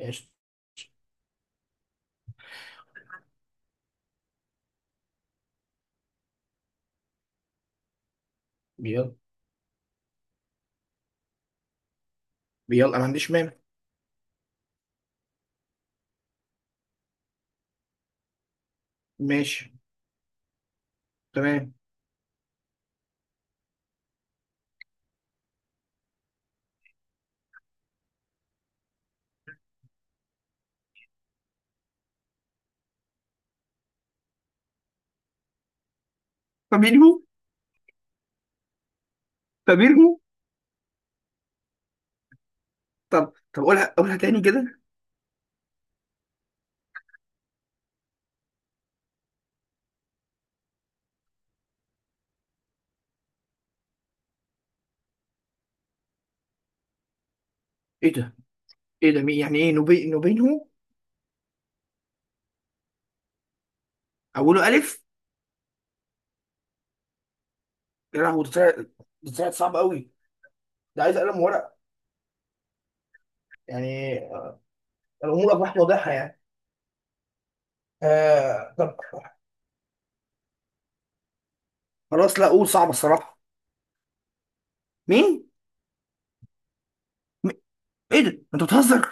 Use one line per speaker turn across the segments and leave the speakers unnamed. قشطة. يلا. يلا، ما عنديش مانع. ماشي. تمام. فابينهو. فابينهو. طب، قولها تاني كده. ايه ده؟ ايه ده؟ مين؟ يعني ايه نوبي نوبينهو؟ اوله الف. يا لهوي، ده طلع صعب قوي. ده عايز قلم ورق يعني. الامور اصبحت واضحه يعني. طب. خلاص، لا قول. صعب الصراحه. مين؟ م- ايه ده؟ انت بتهزر؟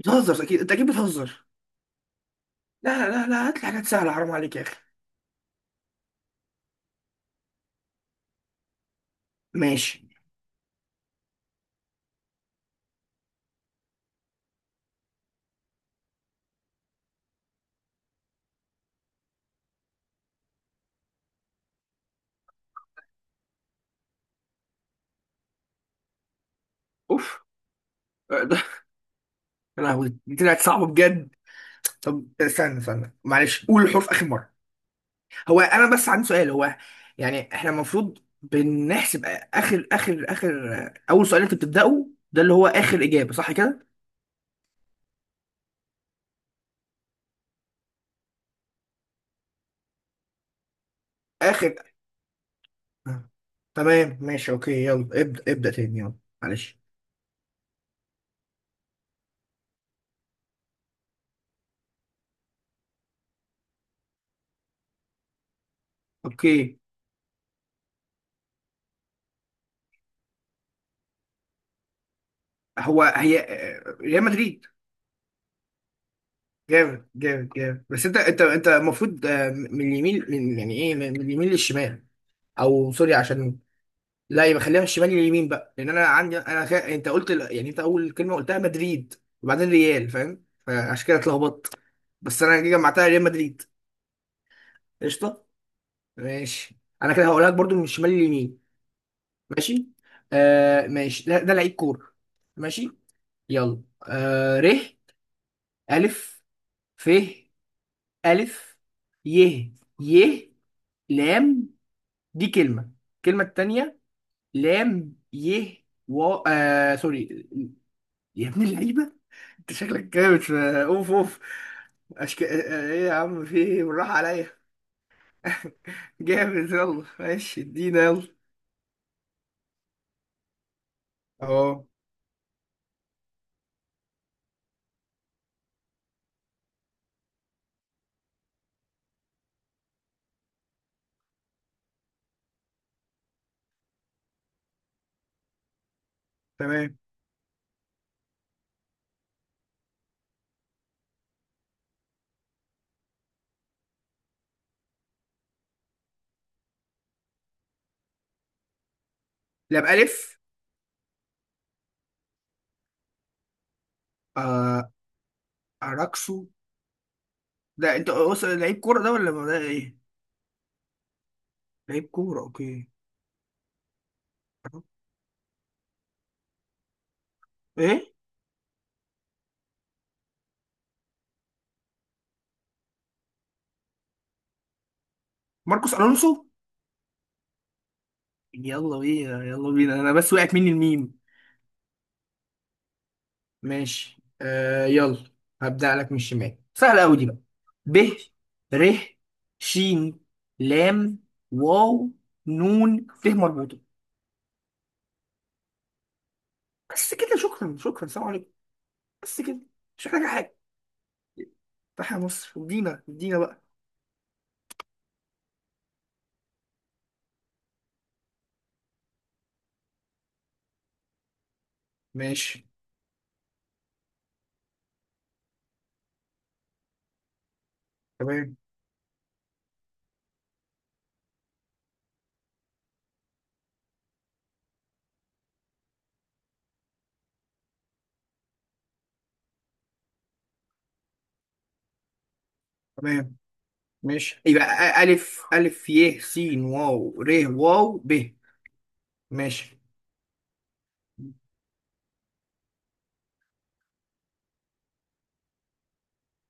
بتهزر اكيد، انت اكيد بتهزر. لا لا لا، هات لي حاجات سهله، حرام عليك يا اخي. ماشي. اوف. ده. يا لهوي، دي طلعت صعبه بجد. طب استنى معلش، قول الحروف اخر مره. هو انا بس عندي سؤال. هو يعني احنا المفروض بنحسب اخر اخر اخر اول سؤال انت بتبداه، ده اللي هو اخر اجابه، صح كده؟ اخر. آه. تمام ماشي اوكي يلا. ابدا تاني، يلا. معلش. اوكي. هو هي آه، ريال مدريد. جامد جامد جامد. بس انت المفروض، من اليمين. من يعني ايه من من اليمين للشمال. او سوري، عشان لا، يبقى خليها في الشمال، اليمين بقى. لان انا عندي انت قلت يعني انت اول كلمه قلتها مدريد، وبعدين ريال، فاهم؟ فعشان كده اتلخبطت، بس انا جي جمعتها ريال مدريد. قشطه. ماشي. انا كده هقولها لك برضو من الشمال اليمين. ماشي. ماشي، ده لعيب كوره. ماشي. يلا. ر، الف، ف، الف، ي، ي، لام. دي كلمه. الكلمه التانيه: لام، ي، و. سوري. يا ابن اللعيبه، انت شكلك كده مش. اوف اوف. أشك... آه، ايه يا عم، في ايه؟ بالراحة عليا. جامد، يلا ماشي ادينا يلا. اهو. تمام. لا، بألف. آه... أراكسو. ده انت لعيب كورة ده ولا ده ايه؟ لعيب كورة اوكي. ايه؟ ماركوس ألونسو. يلا بينا يلا بينا، انا بس وقعت مني الميم. ماشي، يلا. هبدأ لك من الشمال، سهلة أوي دي بقى. ب، ر، ش، لام، واو، نون، ت مربوطة. بس كده، شكرا شكرا، سلام عليكم. بس كده، مش محتاجة حاجة. فتح يا مصر، ادينا ادينا بقى. ماشي. تمام. تمام ماشي، يبقى ألف، ألف، ي، س، واو، ر، واو، ب. ماشي.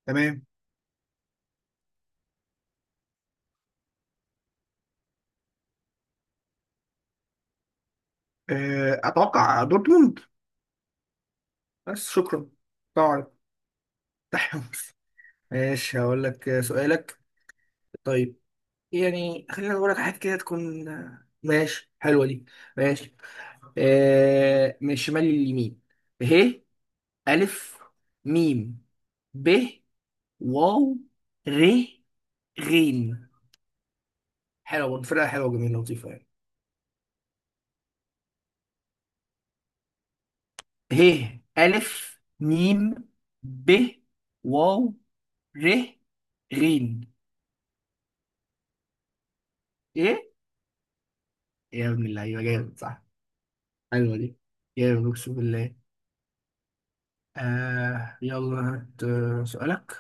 تمام. أتوقع دورتموند. بس شكرا، سلام عليكم، تحيا مصر. ماشي، هقول لك سؤالك. طيب، يعني خلينا نقول لك حاجة كده تكون ماشي. حلوة دي. ماشي. من الشمال لليمين. ه، ألف، ميم، ب، واو، ر، غين. حلوة برضه، فرقة حلوة وجميلة لطيفة يعني. ه، ألف، ميم، ب، واو، ر، غين. ايه؟ يا ابن اللعيبة، جامد صح. حلوة دي، جامد أقسم بالله. يلا، هات سؤالك.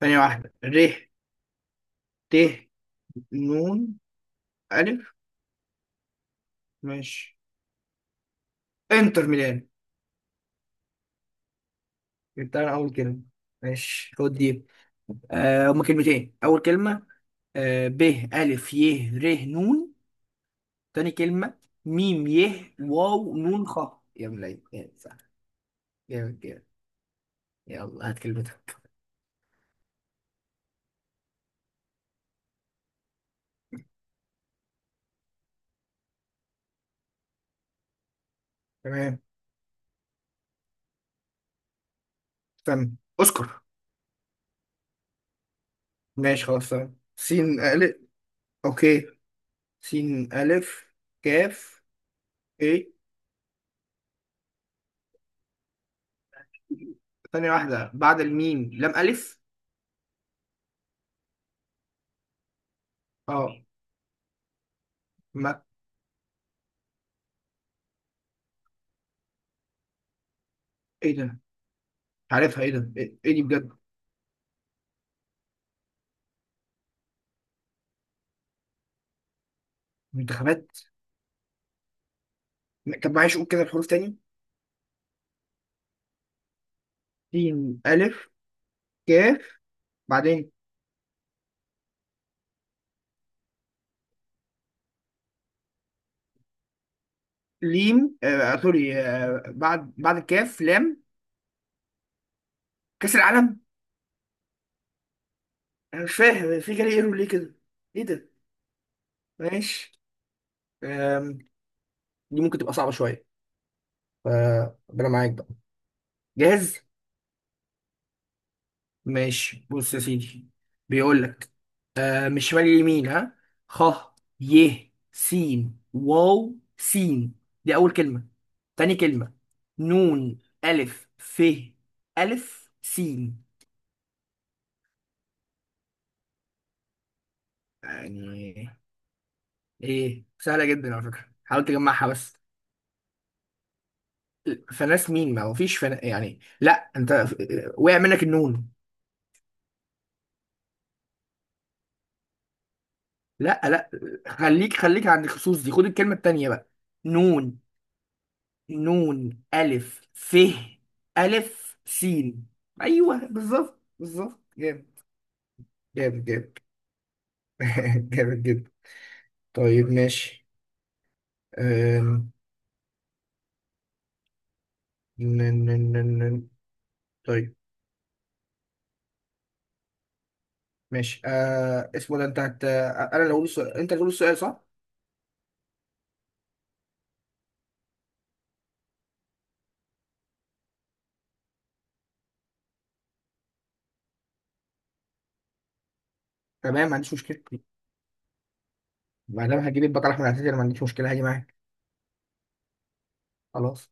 ثانية واحدة، ر، ت، نون، ألف. ماشي. انتر ميلان. جبتها أنا أول كلمة. ماشي، خد دي. هما كلمتين. أول كلمة: ب، ألف، ي، ر، نون. تاني كلمة: ميم، ي، واو، نون، خ. يا ملاي يا، صح. جامد جامد. يلا هات كلمتك. تمام. استنى. اذكر. ماشي خلاص تمام. سين، ألف. أوكي. سين، ألف، كاف، ا. ثانية واحدة، بعد الميم لام ألف؟ اه. ما. ايه ده؟ مش عارفها. ايه ده؟ ايه، إيه دي بجد؟ منتخبات؟ طب معلش، قول كده الحروف تاني. سين، ألف، كاف. بعدين. ليم، سوري. بعد الكاف لام. كأس العالم. أنا مش فاهم، في جالي ايرور ليه كده؟ ايه ده؟ ماشي. آم، دي ممكن تبقى صعبة شوية، فربنا معاك بقى. جاهز؟ ماشي، بص يا سيدي. بيقول لك من شمال ليمين ها. خ، ي، س، واو، س. دي أول كلمة. تاني كلمة: نون، ألف، ف، ألف، س. يعني إيه؟ سهلة جدا على فكرة، حاول تجمعها بس. فناس مين؟ ما هو فيش فنا يعني. لا أنت وقع منك النون. لا لا، خليك عند الخصوص دي، خد الكلمة التانية بقى. نون، نون، ألف، ف، ألف، سين. أيوه، بالظبط بالظبط، جامد. جامد جامد. جامد جدا. طيب ماشي. أم... ن- ن- ن- ن- طيب ماشي. اسمه ده أنت أنا اللي هقول السؤال، أنت اللي هتقول السؤال، صح؟ تمام، ما عنديش مشكلة. ما دام هجيب البقرة أحمد عزيز، أنا ما عنديش مشكلة، هاجي معاك. خلاص.